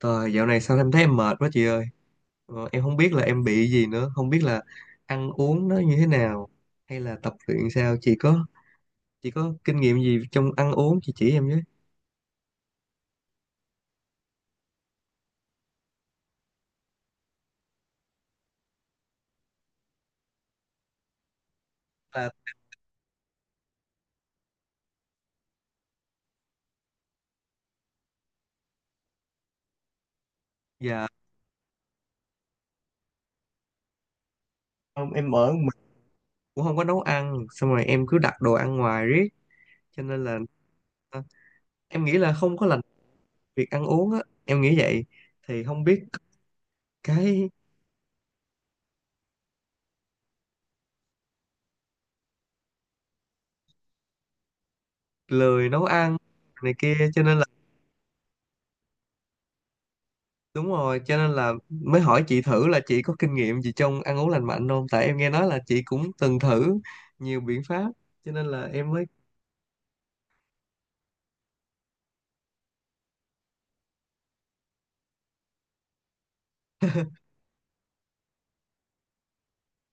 Trời, dạo này sao em thấy em mệt quá chị ơi. Em không biết là em bị gì nữa, không biết là ăn uống nó như thế nào hay là tập luyện sao. Chị có kinh nghiệm gì trong ăn uống chị chỉ em với. Là dạ không, em ở một mình cũng không có nấu ăn, xong rồi em cứ đặt đồ ăn ngoài riết cho nên là ờ, em nghĩ là không có lành việc ăn uống á, em nghĩ vậy. Thì không biết cái lười nấu ăn này kia cho nên đúng rồi, cho nên là mới hỏi chị thử là chị có kinh nghiệm gì trong ăn uống lành mạnh không? Tại em nghe nói là chị cũng từng thử nhiều biện pháp, cho nên là em mới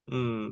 ừ,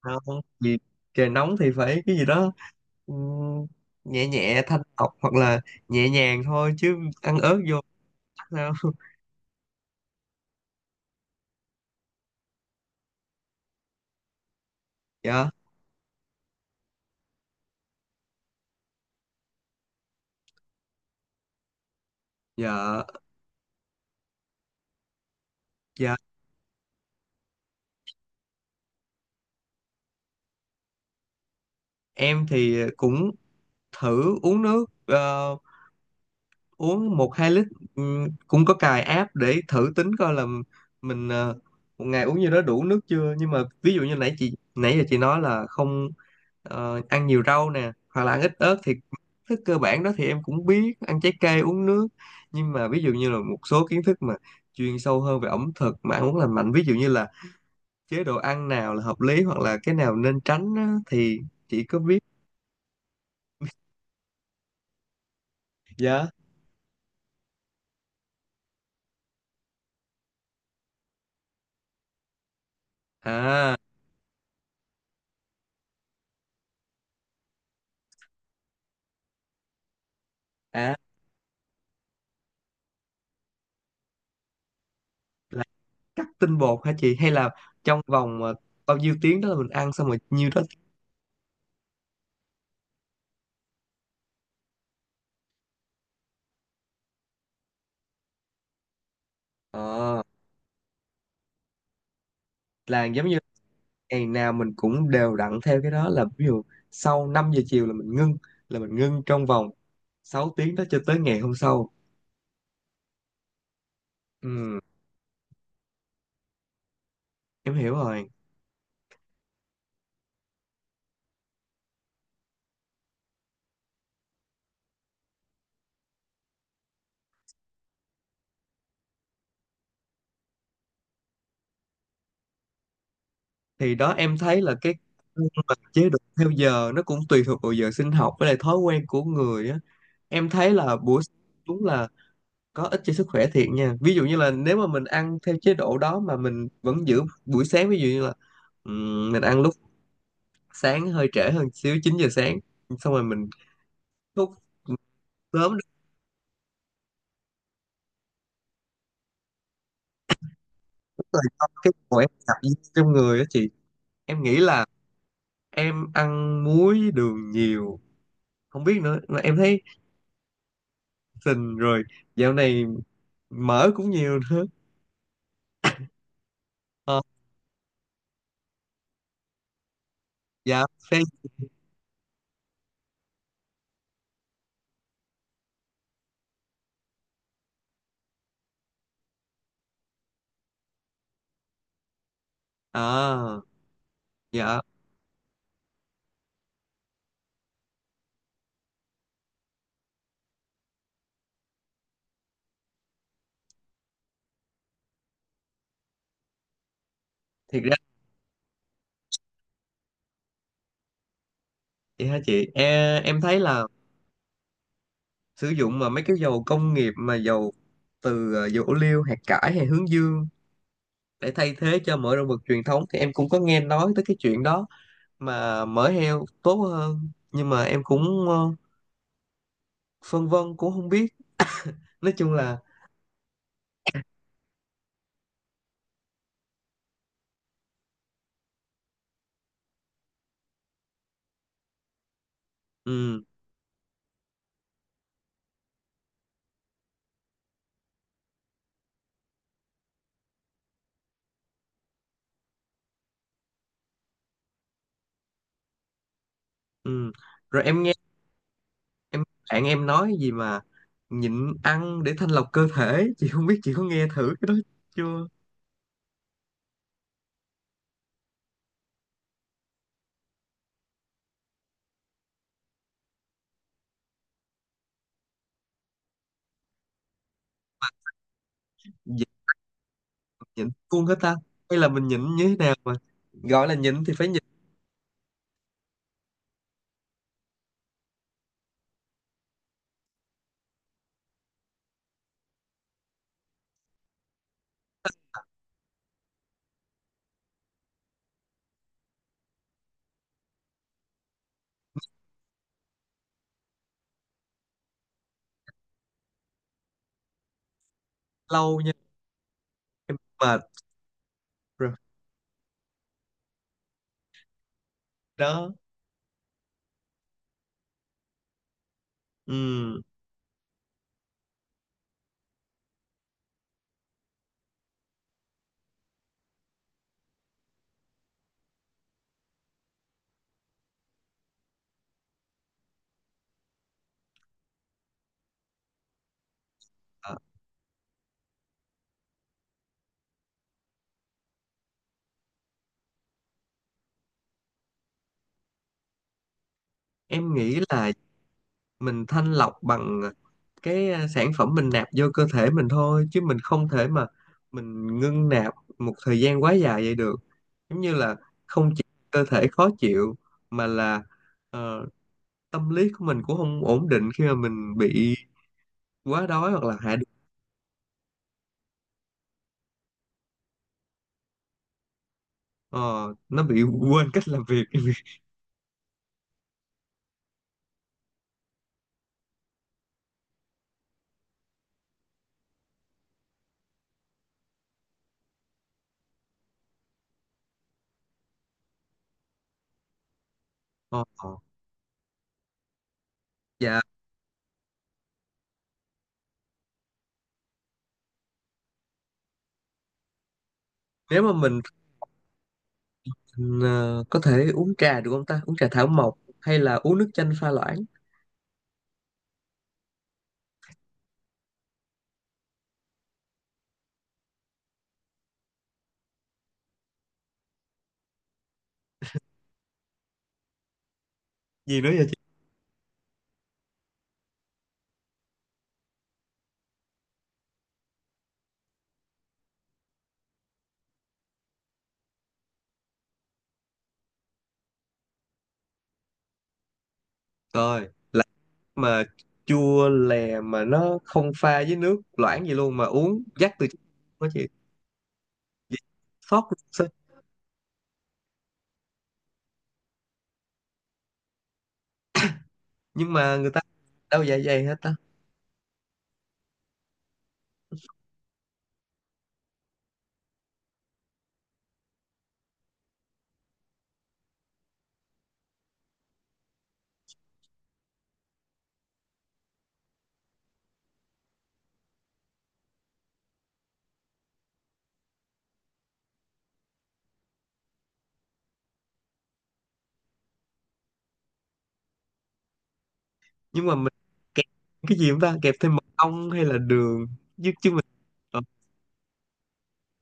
không, vì trời nóng thì phải cái gì đó, ừ, nhẹ nhẹ thanh lọc hoặc là nhẹ nhàng thôi chứ ăn ớt vô chắc sao? Dạ, dạ, dạ. Em thì cũng thử uống nước, uống một hai lít. Cũng có cài app để thử tính coi là mình một ngày uống như đó đủ nước chưa, nhưng mà ví dụ như nãy chị nãy giờ chị nói là không ăn nhiều rau nè hoặc là ăn ít ớt thì thức cơ bản đó thì em cũng biết ăn trái cây uống nước, nhưng mà ví dụ như là một số kiến thức mà chuyên sâu hơn về ẩm thực mà ăn uống lành mạnh, ví dụ như là chế độ ăn nào là hợp lý hoặc là cái nào nên tránh á, thì chị có biết. Dạ, à, à, cắt tinh bột hả chị, hay là trong vòng bao nhiêu tiếng đó là mình ăn xong rồi nhiêu đó. Ờ, là giống như ngày nào mình cũng đều đặn theo cái đó, là ví dụ sau 5 giờ chiều là mình ngưng, là mình ngưng trong vòng 6 tiếng đó cho tới ngày hôm sau. Ừ, em hiểu rồi. Thì đó em thấy là cái mà chế độ theo giờ nó cũng tùy thuộc vào giờ sinh học với lại thói quen của người á. Em thấy là buổi sáng đúng là có ích cho sức khỏe thiệt nha, ví dụ như là nếu mà mình ăn theo chế độ đó mà mình vẫn giữ buổi sáng, ví dụ như là mình ăn lúc sáng hơi trễ hơn xíu 9 giờ sáng xong rồi mình thức sớm, đúng rồi, cho cái khỏe tập gym trong người á chị. Em nghĩ là em ăn muối đường nhiều, không biết nữa mà em thấy sình rồi. Dạo này mỡ cũng nhiều nữa. Ờ, dạ, phê. À, dạ, thiệt ra vậy hả chị? Em thấy là sử dụng mà mấy cái dầu công nghiệp mà dầu từ dầu ô liu, hạt cải hay hướng dương để thay thế cho mỡ động vật truyền thống, thì em cũng có nghe nói tới cái chuyện đó mà mỡ heo tốt hơn, nhưng mà em cũng phân vân cũng không biết. Nói chung là ừ, ừ, rồi em nghe em bạn em nói gì mà nhịn ăn để thanh lọc cơ thể chị không biết chị có nghe thử cái đó chưa. Nhịn, nhịn luôn hết ta, hay là mình nhịn như thế nào mà gọi là nhịn thì phải nhịn lâu nha. Em mệt rồi đó. Ừm, ờ, em nghĩ là mình thanh lọc bằng cái sản phẩm mình nạp vô cơ thể mình thôi, chứ mình không thể mà mình ngưng nạp một thời gian quá dài vậy được. Giống như là không chỉ cơ thể khó chịu mà là ờ, tâm lý của mình cũng không ổn định khi mà mình bị quá đói hoặc là hạ đường. Ờ, nó bị quên cách làm việc. Ờ, ờ. Dạ, nếu mà mình ờ, có thể uống trà được không ta, uống trà thảo mộc hay là uống nước chanh pha loãng? Gì nữa vậy? Coi, là mà chua lè mà nó không pha với nước loãng gì luôn mà uống dắt từ trong đó chị. Vậy sót sao? Nhưng mà người ta đâu dạ dày hết ta. Nhưng mà mình kẹp cái gì không ta, kẹp thêm mật ong hay là đường? Ờ,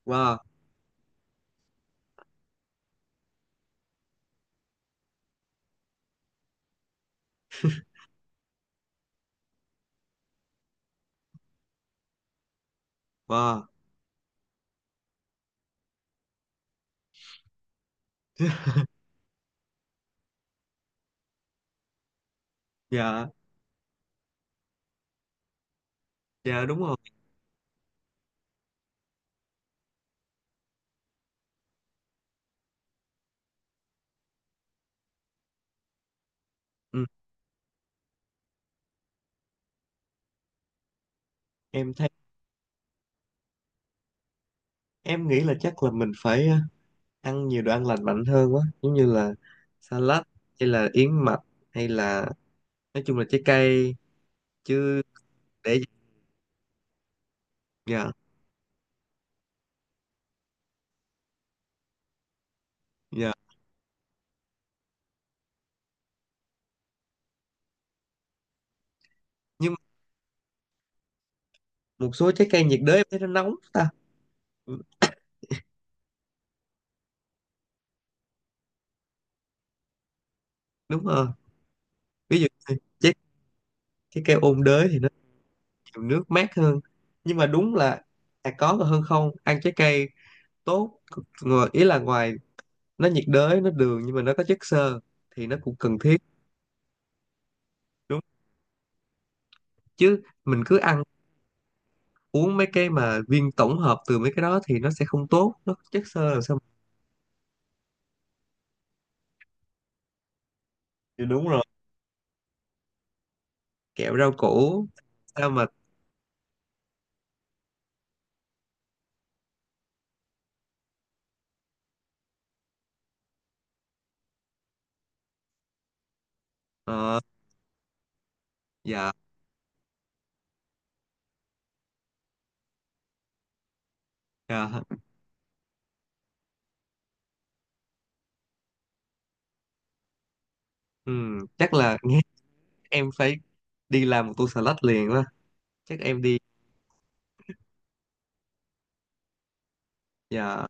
wow, wow. Dạ, dạ, đúng rồi. Ừ. Em thấy em nghĩ là chắc là mình phải ăn nhiều đồ ăn lành mạnh hơn quá, giống như là salad, hay là yến mạch, hay là nói chung là trái cây chứ. Để dạ, dạ, nhưng một số trái cây nhiệt đới em thấy nó nóng ta. Ừ, đúng rồi, ví dụ như trái, trái cây ôn đới thì nó nhiều nước mát hơn, nhưng mà đúng là có còn hơn không ăn trái cây tốt. Ngồi ý là ngoài nó nhiệt đới nó đường nhưng mà nó có chất xơ thì nó cũng cần thiết. Đúng, chứ mình cứ ăn uống mấy cái mà viên tổng hợp từ mấy cái đó thì nó sẽ không tốt, nó có chất xơ làm sao mà- thì đúng rồi, kẹo rau củ sao mà ờ, dạ, dạ, ừ, chắc là nghe em phải đi làm một tô salad liền quá, chắc em đi. Dạ,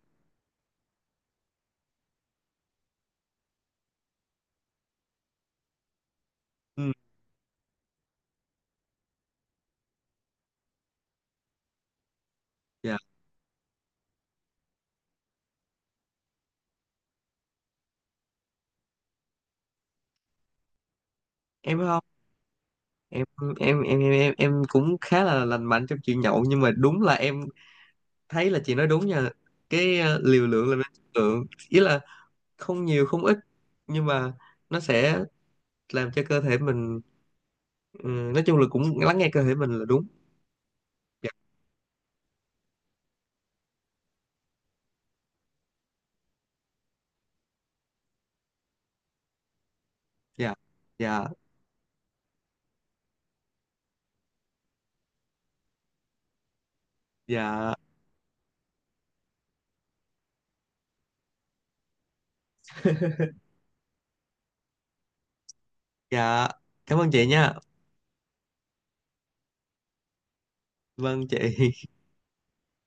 ừ, dạ, em biết không, em em em cũng khá là lành mạnh trong chuyện nhậu, nhưng mà đúng là em thấy là chị nói đúng nha, cái liều lượng là nên chất lượng, ý là không nhiều không ít, nhưng mà nó sẽ làm cho cơ thể mình ừ, nói chung là cũng lắng nghe cơ thể mình là đúng. Dạ, dạ, dạ, dạ, dạ, cảm ơn chị nha. Vâng chị.